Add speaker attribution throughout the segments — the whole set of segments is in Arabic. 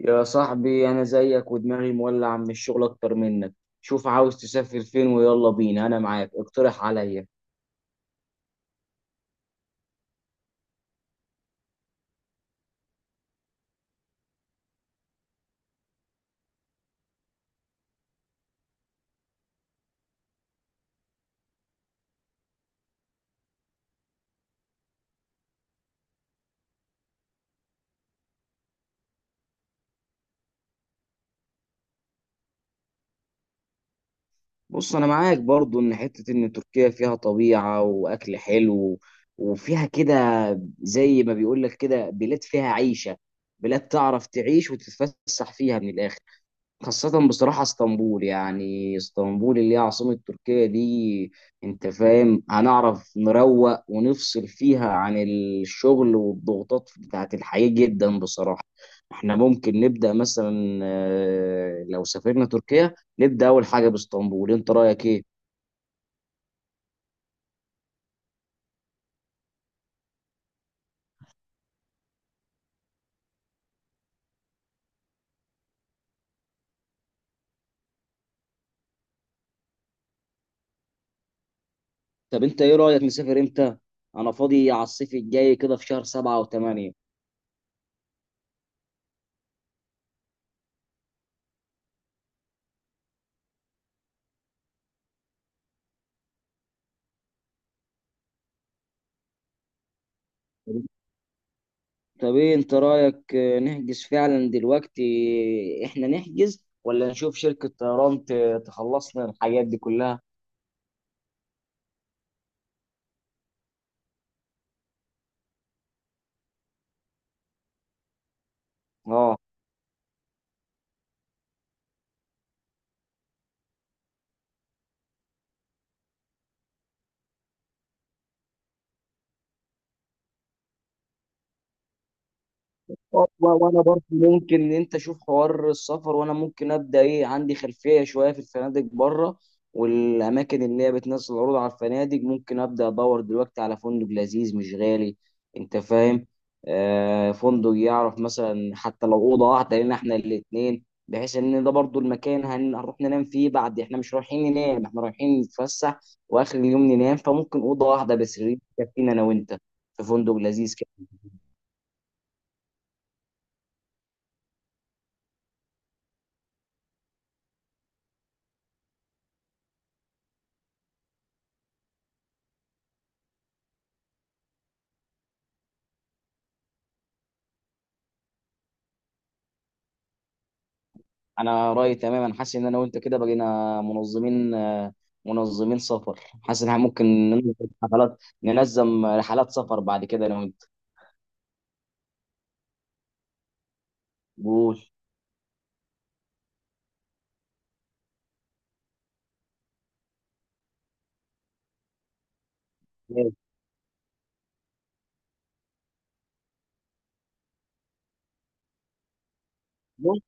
Speaker 1: يا صاحبي انا زيك ودماغي مولع من الشغل اكتر منك. شوف، عاوز تسافر فين ويلا بينا؟ انا معاك، اقترح عليا. بص انا معاك برضو ان حتة ان تركيا فيها طبيعة واكل حلو وفيها كده، زي ما بيقولك كده بلاد فيها عيشة، بلاد تعرف تعيش وتتفسح فيها من الاخر. خاصة بصراحة اسطنبول، يعني اسطنبول اللي هي عاصمة تركيا دي. انت فاهم، هنعرف نروق ونفصل فيها عن الشغل والضغوطات بتاعت الحياة جدا بصراحة. احنا ممكن نبدأ مثلا لو سافرنا تركيا نبدأ أول حاجة باسطنبول، انت رأيك ايه؟ طب انت ايه رأيك، نسافر امتى؟ انا فاضي على الصيف الجاي كده في شهر 7 و8. طب ايه انت رأيك نحجز فعلا دلوقتي؟ احنا نحجز ولا نشوف شركة طيران تخلصنا الحاجات دي كلها؟ اه. وانا برضه ممكن ان انت شوف حوار السفر وانا ممكن ابدا ايه، عندي خلفيه شويه في الفنادق بره والاماكن اللي هي بتنزل عروض على الفنادق. ممكن ابدا ادور دلوقتي على فندق لذيذ مش غالي، انت فاهم، آه، فندق يعرف مثلا حتى لو اوضه واحده لنا احنا الاثنين، بحيث ان ده برضو المكان هنروح ننام فيه بعد، احنا مش رايحين ننام، احنا رايحين نتفسح واخر اليوم ننام. فممكن اوضه واحده بس تكفينا انا وانت في فندق لذيذ. انا رايي تماما، حاسس ان انا وانت كده بقينا منظمين، منظمين سفر. حاسس ان احنا ممكن ننظم حفلات، ننظم رحلات سفر بعد كده انا وانت. قول. بص،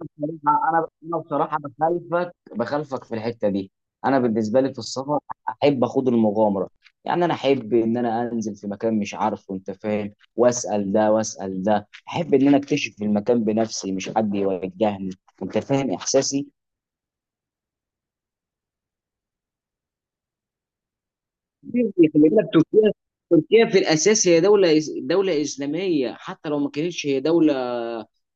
Speaker 1: بصراحة انا بصراحه بخالفك في الحته دي. انا بالنسبه لي في السفر احب اخد المغامره، يعني انا احب ان انا انزل في مكان مش عارفه، انت فاهم، واسال ده واسال ده، احب ان انا اكتشف المكان بنفسي مش حد يوجهني. انت فاهم احساسي. خلي بالك تركيا، تركيا في الاساس هي دوله دوله اسلاميه، حتى لو ما كانتش هي دوله،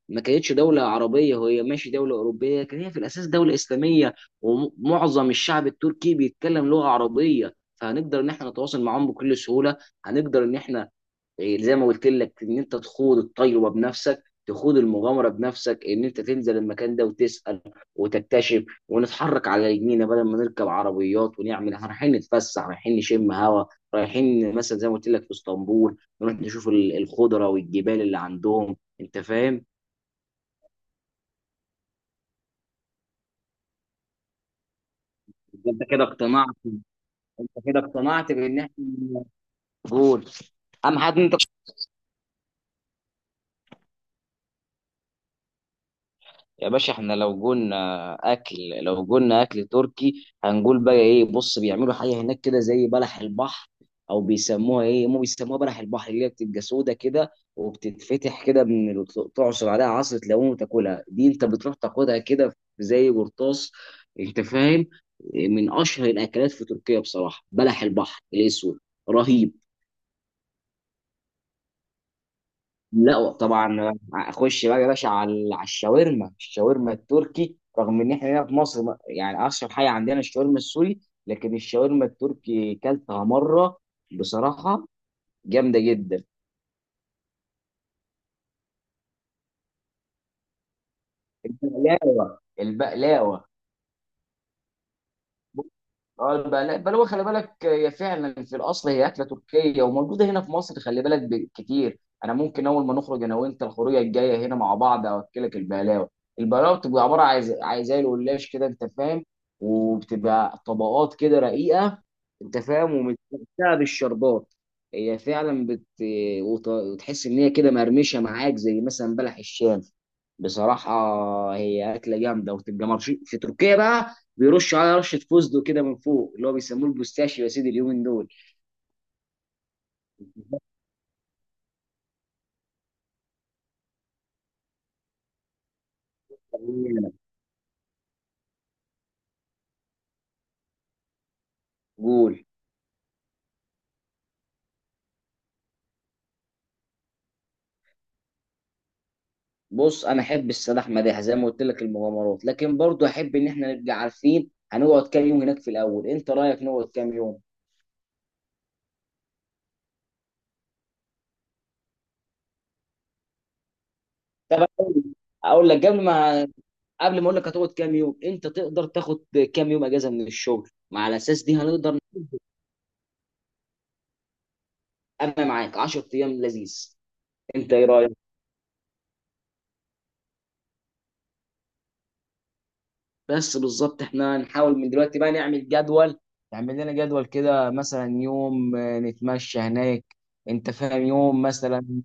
Speaker 1: ما كانتش دوله عربيه، هي ماشي دوله اوروبيه لكن هي في الاساس دوله اسلاميه. ومعظم الشعب التركي بيتكلم لغه عربيه، فهنقدر ان احنا نتواصل معاهم بكل سهوله. هنقدر ان احنا زي ما قلت لك، ان انت تخوض التجربه بنفسك، تخوض المغامره بنفسك، ان انت تنزل المكان ده وتسال وتكتشف، ونتحرك على رجلينا بدل ما نركب عربيات ونعمل. إحنا رايحين نتفسح، رايحين نشم هوا، رايحين مثلا زي ما قلت لك في اسطنبول نروح نشوف الخضره والجبال اللي عندهم، انت فاهم. انت كده اقتنعت، انت كده اقتنعت بان احنا. قول، اهم حاجه إن انت. يا باشا احنا لو قلنا اكل، لو قلنا اكل تركي هنقول بقى ايه؟ بص بيعملوا حاجه هناك كده زي بلح البحر، او بيسموها ايه، هم بيسموها بلح البحر، اللي هي بتبقى سودا كده وبتتفتح كده من تعصر عليها عصره ليمون وتاكلها. دي انت بتروح تاخدها كده زي قرطاس، انت فاهم، من اشهر الاكلات في تركيا بصراحه بلح البحر الاسود. رهيب. لا طبعا، اخش بقى يا باشا على على الشاورما. الشاورما التركي رغم ان احنا هنا في مصر يعني اشهر حاجه عندنا الشاورما السوري، لكن الشاورما التركي كلتها مره بصراحه، جامده جدا. البقلاوه البقلاوه. اه البقلاوه البقلاوه، خلي بالك هي فعلا في الاصل هي اكله تركيه وموجوده هنا في مصر، خلي بالك كتير. انا ممكن اول ما نخرج انا وانت الخروجه الجايه هنا مع بعض اوكلك البقلاوه. البقلاوه بتبقى عباره عن زي عن زي القلاش كده، انت فاهم، وبتبقى طبقات كده رقيقه، انت فاهم، ومتمتعه بالشربات. هي فعلا وتحس ان هي كده مرمشه معاك زي مثلا بلح الشام. بصراحة هي أكلة جامدة، وتبقى مرشي في تركيا بقى، بيرش على رشه فوزدو كده من فوق اللي هو بيسموه البوستاشيو، يا سيدي اليومين دول. قول. بص انا احب السيد احمد يحيى زي ما قلت لك المغامرات، لكن برضو احب ان احنا نبقى عارفين هنقعد كام يوم هناك في الاول. انت رايك نقعد كام يوم؟ طب اقول لك، قبل ما اقول لك هتقعد كام يوم، انت تقدر تاخد كام يوم اجازه من الشغل مع الاساس دي هنقدر. انا معاك، 10 ايام لذيذ، انت ايه رايك؟ بس بالظبط احنا نحاول من دلوقتي بقى نعمل جدول، نعمل لنا جدول كده مثلا يوم نتمشى هناك، انت فاهم، يوم مثلا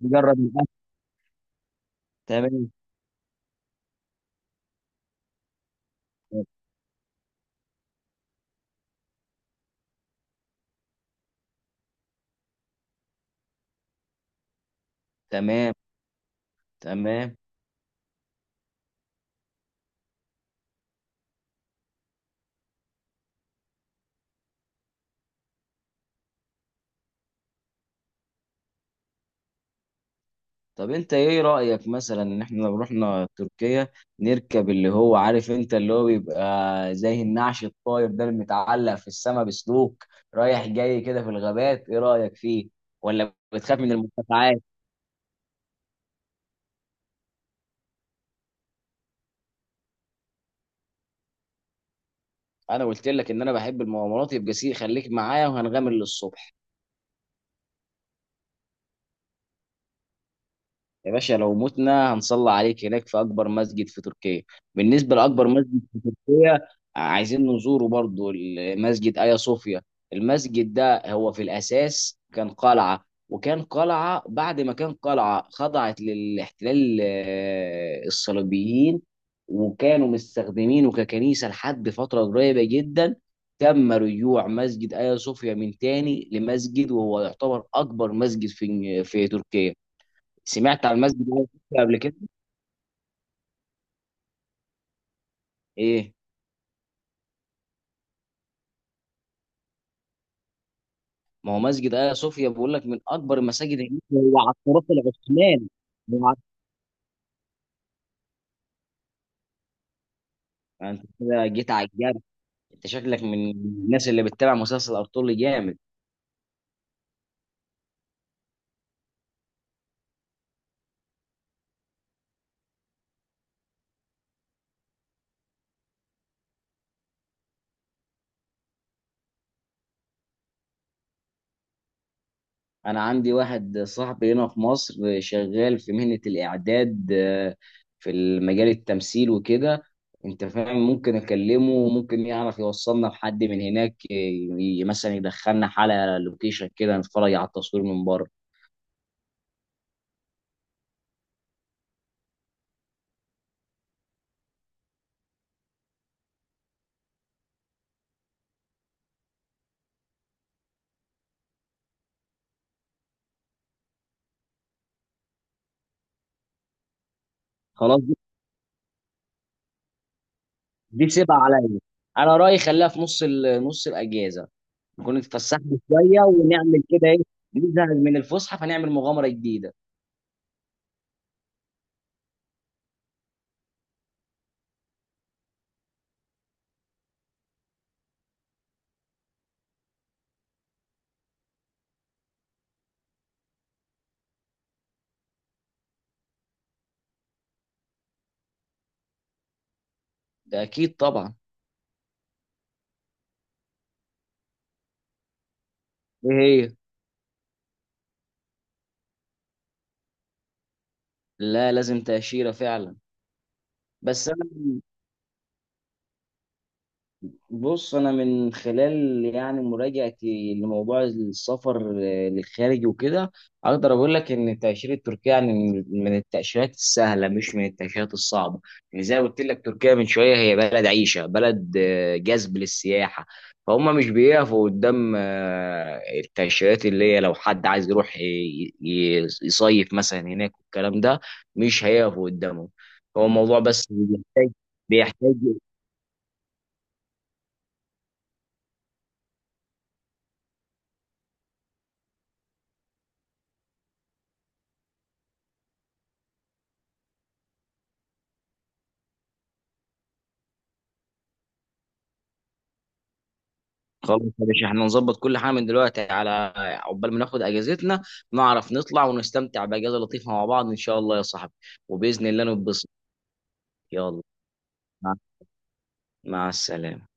Speaker 1: نجرب الاكل. تمام. تمام. تمام. طب انت ايه رأيك مثلا ان احنا لو رحنا تركيا نركب اللي هو عارف انت اللي هو بيبقى زي النعش الطاير ده اللي متعلق في السماء بسلوك، رايح جاي كده في الغابات، ايه رأيك فيه؟ ولا بتخاف من المرتفعات؟ انا قلت لك ان انا بحب المغامرات، يبقى سي خليك معايا وهنغامر للصبح. يا باشا لو متنا هنصلي عليك هناك في اكبر مسجد في تركيا. بالنسبه لاكبر مسجد في تركيا، عايزين نزوره برضو، المسجد ايا صوفيا. المسجد ده هو في الاساس كان قلعه، وكان قلعه، بعد ما كان قلعه خضعت للاحتلال الصليبيين، وكانوا مستخدمينه ككنيسه لحد فتره قريبه جدا. تم رجوع مسجد ايا صوفيا من تاني لمسجد، وهو يعتبر اكبر مسجد في تركيا. سمعت عن مسجد ايا صوفيا قبل كده؟ ايه. ما هو مسجد ايا صوفيا بقول لك من اكبر المساجد هناك، هو على الطرف العثماني. هو على- انت كده جيت على الجرح. انت شكلك من الناس اللي بتتابع مسلسل ارطغرل جامد. انا عندي واحد صاحبي هنا في مصر شغال في مهنة الاعداد، في المجال التمثيل وكده، انت فاهم، ممكن اكلمه وممكن يعرف يوصلنا لحد من هناك، مثلا يدخلنا حلقة لوكيشن كده نتفرج على التصوير من بره. خلاص، دي سيبها عليا. انا رايي خليها في نص الاجازه، نكون اتفسحنا شويه ونعمل كده ايه، نزهق من الفسحه فنعمل مغامره جديده. ده اكيد طبعا. ايه. هي. لا، لازم تأشيرة فعلا. بس بص انا من خلال يعني مراجعتي لموضوع السفر للخارج وكده، اقدر اقول لك ان التاشيره التركيه يعني من التاشيرات السهله مش من التاشيرات الصعبه. يعني زي ما قلت لك تركيا من شويه هي بلد عيشه، بلد جذب للسياحه، فهم مش بيقفوا قدام التاشيرات. اللي هي لو حد عايز يروح يصيف مثلا هناك والكلام ده مش هيقفوا قدامهم. هو الموضوع بس بيحتاج. خلاص يا باشا، احنا نظبط كل حاجه من دلوقتي على عقبال ما ناخد اجازتنا، نعرف نطلع ونستمتع باجازه لطيفه مع بعض ان شاء الله يا صاحبي، وباذن الله نتبسط. يلا، مع مع السلامه.